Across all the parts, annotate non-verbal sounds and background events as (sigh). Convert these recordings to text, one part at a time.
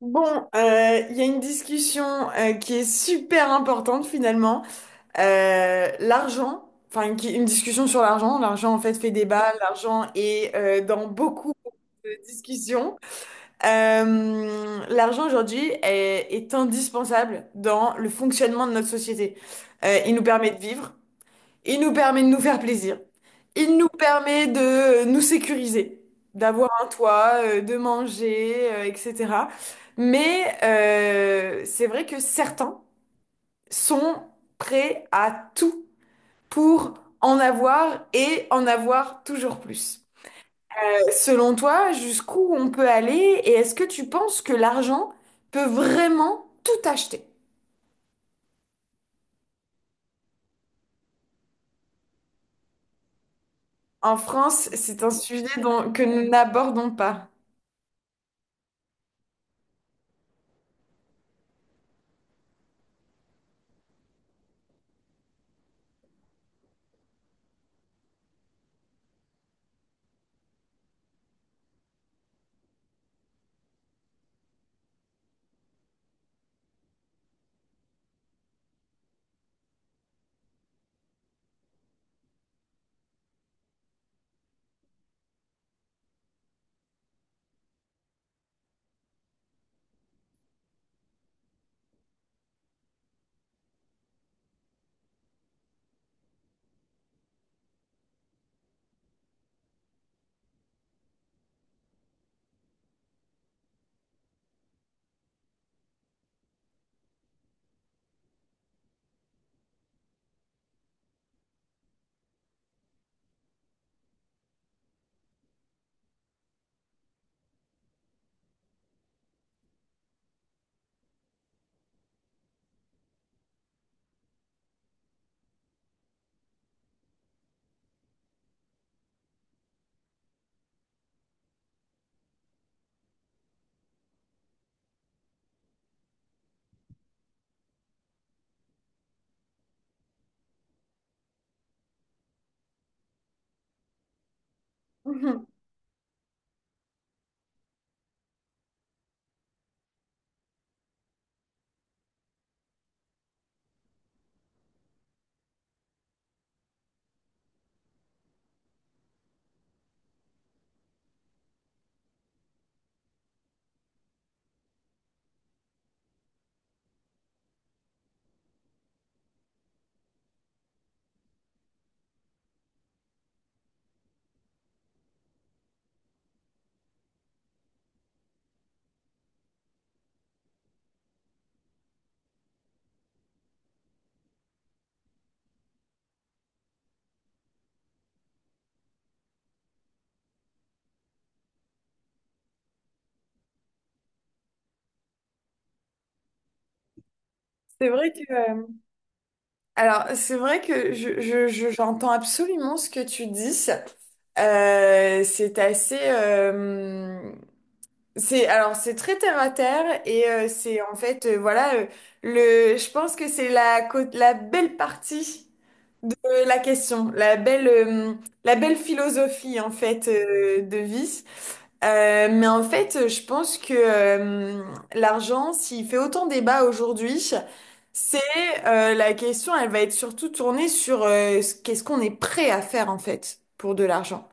Il y a une discussion qui est super importante finalement. Une discussion sur l'argent. L'argent en fait fait débat. L'argent est dans beaucoup de discussions. L'argent aujourd'hui est indispensable dans le fonctionnement de notre société. Il nous permet de vivre. Il nous permet de nous faire plaisir. Il nous permet de nous sécuriser, d'avoir un toit, de manger, etc. Mais c'est vrai que certains sont prêts à tout pour en avoir et en avoir toujours plus. Selon toi, jusqu'où on peut aller et est-ce que tu penses que l'argent peut vraiment tout acheter? En France, c'est un sujet que nous n'abordons pas. (laughs) Mhm. C'est vrai que Alors, c'est vrai que j'entends absolument ce que tu dis. C'est assez, c'est très terre à terre et c'est en fait le, je pense que c'est la belle partie de la question, la belle philosophie en fait de vie. Mais je pense que l'argent, s'il fait autant débat aujourd'hui, c'est la question, elle va être surtout tournée sur qu'est-ce qu'on est prêt à faire en fait pour de l'argent.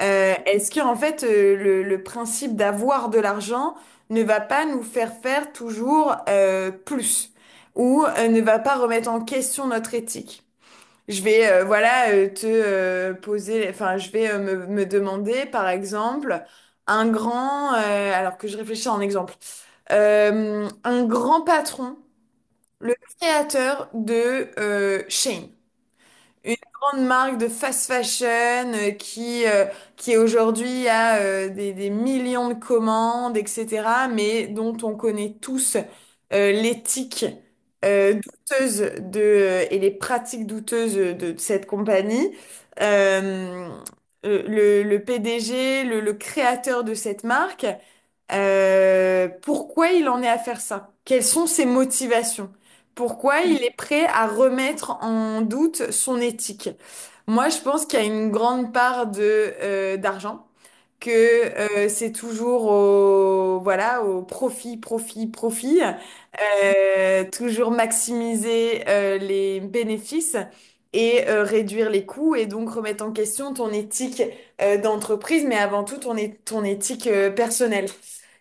Est-ce que en fait le principe d'avoir de l'argent ne va pas nous faire faire toujours plus ou ne va pas remettre en question notre éthique? Je vais voilà te poser, enfin Je vais me demander par exemple alors que je réfléchis en exemple, un grand patron, le créateur de Shane. Une grande marque de fast fashion euh, qui, euh, qui aujourd'hui a des millions de commandes, etc., mais dont on connaît tous l'éthique douteuse et les pratiques douteuses de cette compagnie. Euh, le PDG, le créateur de cette marque. Pourquoi il en est à faire ça? Quelles sont ses motivations? Pourquoi il est prêt à remettre en doute son éthique? Moi, je pense qu'il y a une grande part d'argent que c'est toujours au voilà, au profit, profit, profit, toujours maximiser les bénéfices et réduire les coûts et donc remettre en question ton éthique d'entreprise, mais avant tout ton éthique personnelle.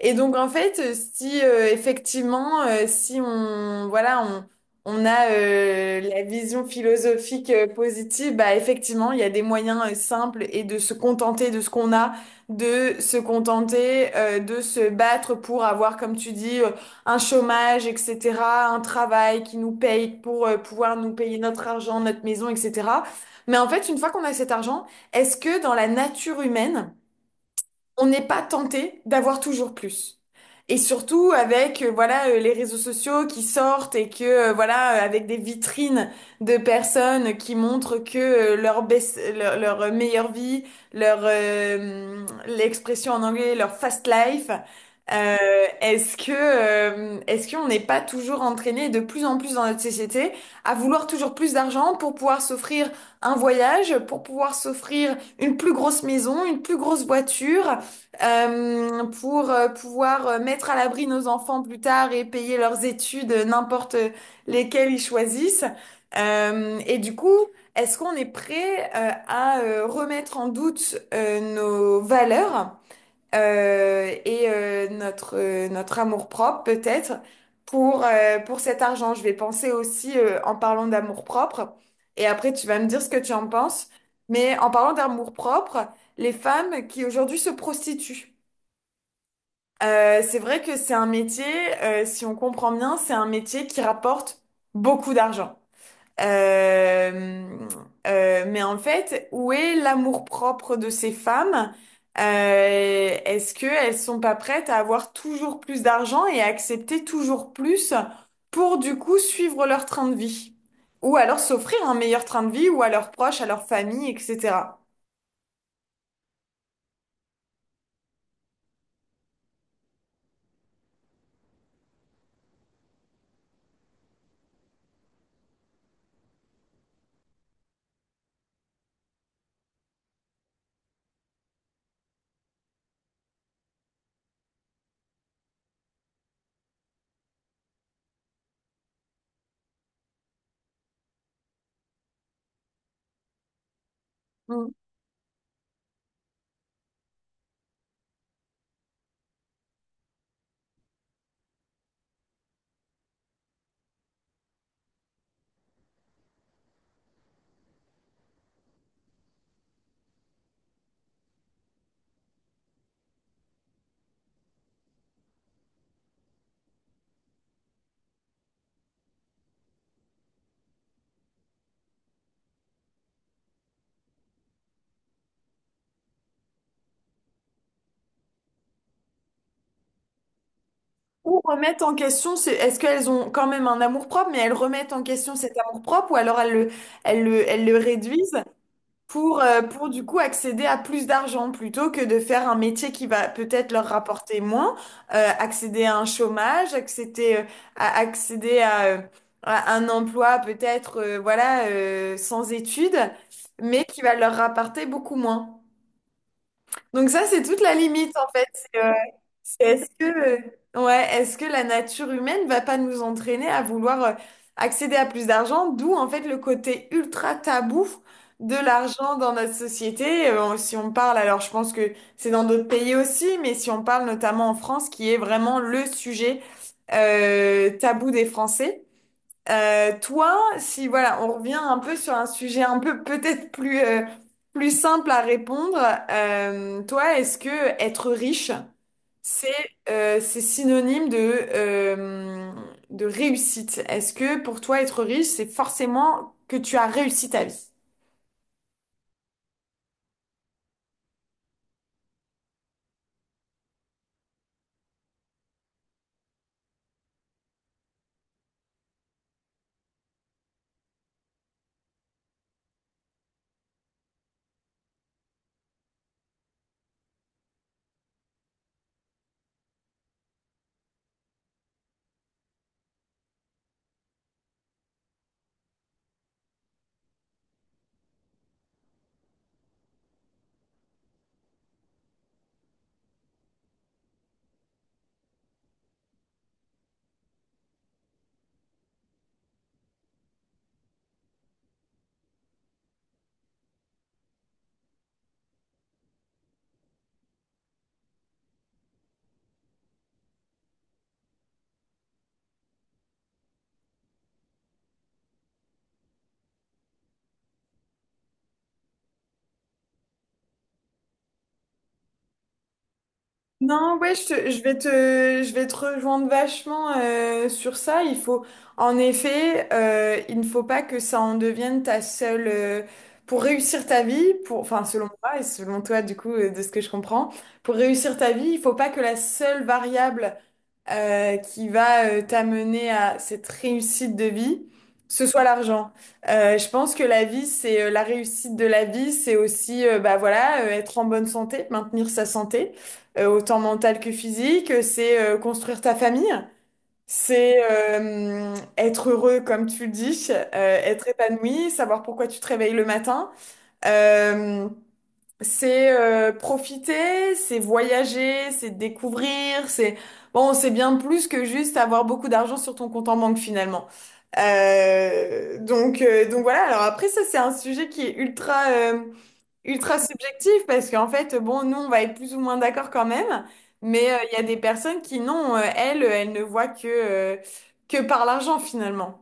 Et donc en fait, si effectivement, si on voilà, on a la vision philosophique positive, bah effectivement, il y a des moyens simples et de se contenter de ce qu'on a de se contenter de se battre pour avoir, comme tu dis, un chômage, etc., un travail qui nous paye pour pouvoir nous payer notre argent, notre maison, etc. Mais en fait, une fois qu'on a cet argent, est-ce que dans la nature humaine, on n'est pas tenté d'avoir toujours plus. Et surtout avec les réseaux sociaux qui sortent et que avec des vitrines de personnes qui montrent que leur, best- leur leur, meilleure vie, leur l'expression en anglais, leur fast life. euh, Est-ce que est-ce qu'on n'est pas toujours entraîné de plus en plus dans notre société à vouloir toujours plus d'argent pour pouvoir s'offrir un voyage, pour pouvoir s'offrir une plus grosse maison, une plus grosse voiture, pour pouvoir mettre à l'abri nos enfants plus tard et payer leurs études, n'importe lesquelles ils choisissent. Et du coup, est-ce qu'on est prêt à remettre en doute nos valeurs et notre amour-propre peut-être pour cet argent? Je vais penser aussi en parlant d'amour-propre et après tu vas me dire ce que tu en penses. Mais en parlant d'amour-propre, les femmes qui aujourd'hui se prostituent. C'est vrai que c'est un métier, si on comprend bien, c'est un métier qui rapporte beaucoup d'argent. Euh, mais où est l'amour-propre de ces femmes? Est-ce qu'elles sont pas prêtes à avoir toujours plus d'argent et à accepter toujours plus pour du coup suivre leur train de vie? Ou alors s'offrir un meilleur train de vie ou à leurs proches, à leur famille, etc. Ou remettent en question, est-ce qu'elles ont quand même un amour-propre, mais elles remettent en question cet amour-propre, ou alors elles le réduisent pour du coup accéder à plus d'argent, plutôt que de faire un métier qui va peut-être leur rapporter moins, accéder à un chômage, accéder à un emploi peut-être sans études, mais qui va leur rapporter beaucoup moins. Donc ça, c'est toute la limite en fait. C'est est-ce que, ouais, est-ce que la nature humaine va pas nous entraîner à vouloir accéder à plus d'argent, d'où en fait le côté ultra tabou de l'argent dans notre société. Si on parle, alors je pense que c'est dans d'autres pays aussi, mais si on parle notamment en France, qui est vraiment le sujet tabou des Français. Toi, si voilà, on revient un peu sur un sujet un peu peut-être plus plus simple à répondre. Toi, est-ce que être riche, c'est c'est synonyme euh, de réussite? Est-ce que pour toi, être riche, c'est forcément que tu as réussi ta vie? Non, ouais, je, te- je vais te, je vais te rejoindre vachement sur ça. Il faut, en effet, il ne faut pas que ça en devienne ta seule, pour réussir ta vie, pour, enfin, selon moi et selon toi, du coup, de ce que je comprends, pour réussir ta vie, il faut pas que la seule variable qui va t'amener à cette réussite de vie, ce soit l'argent. Je pense que la vie, c'est la réussite de la vie, c'est aussi bah voilà, être en bonne santé, maintenir sa santé, autant mentale que physique, c'est construire ta famille. C'est être heureux, comme tu le dis, être épanoui, savoir pourquoi tu te réveilles le matin. Euh, c'est profiter, c'est voyager, c'est découvrir, c'est bon, c'est bien plus que juste avoir beaucoup d'argent sur ton compte en banque finalement. Donc voilà. Alors après ça c'est un sujet qui est ultra ultra subjectif parce qu'en fait bon nous on va être plus ou moins d'accord quand même, mais il y a des personnes qui non elles ne voient que par l'argent finalement.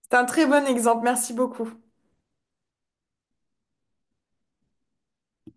C'est un très bon exemple. Merci beaucoup.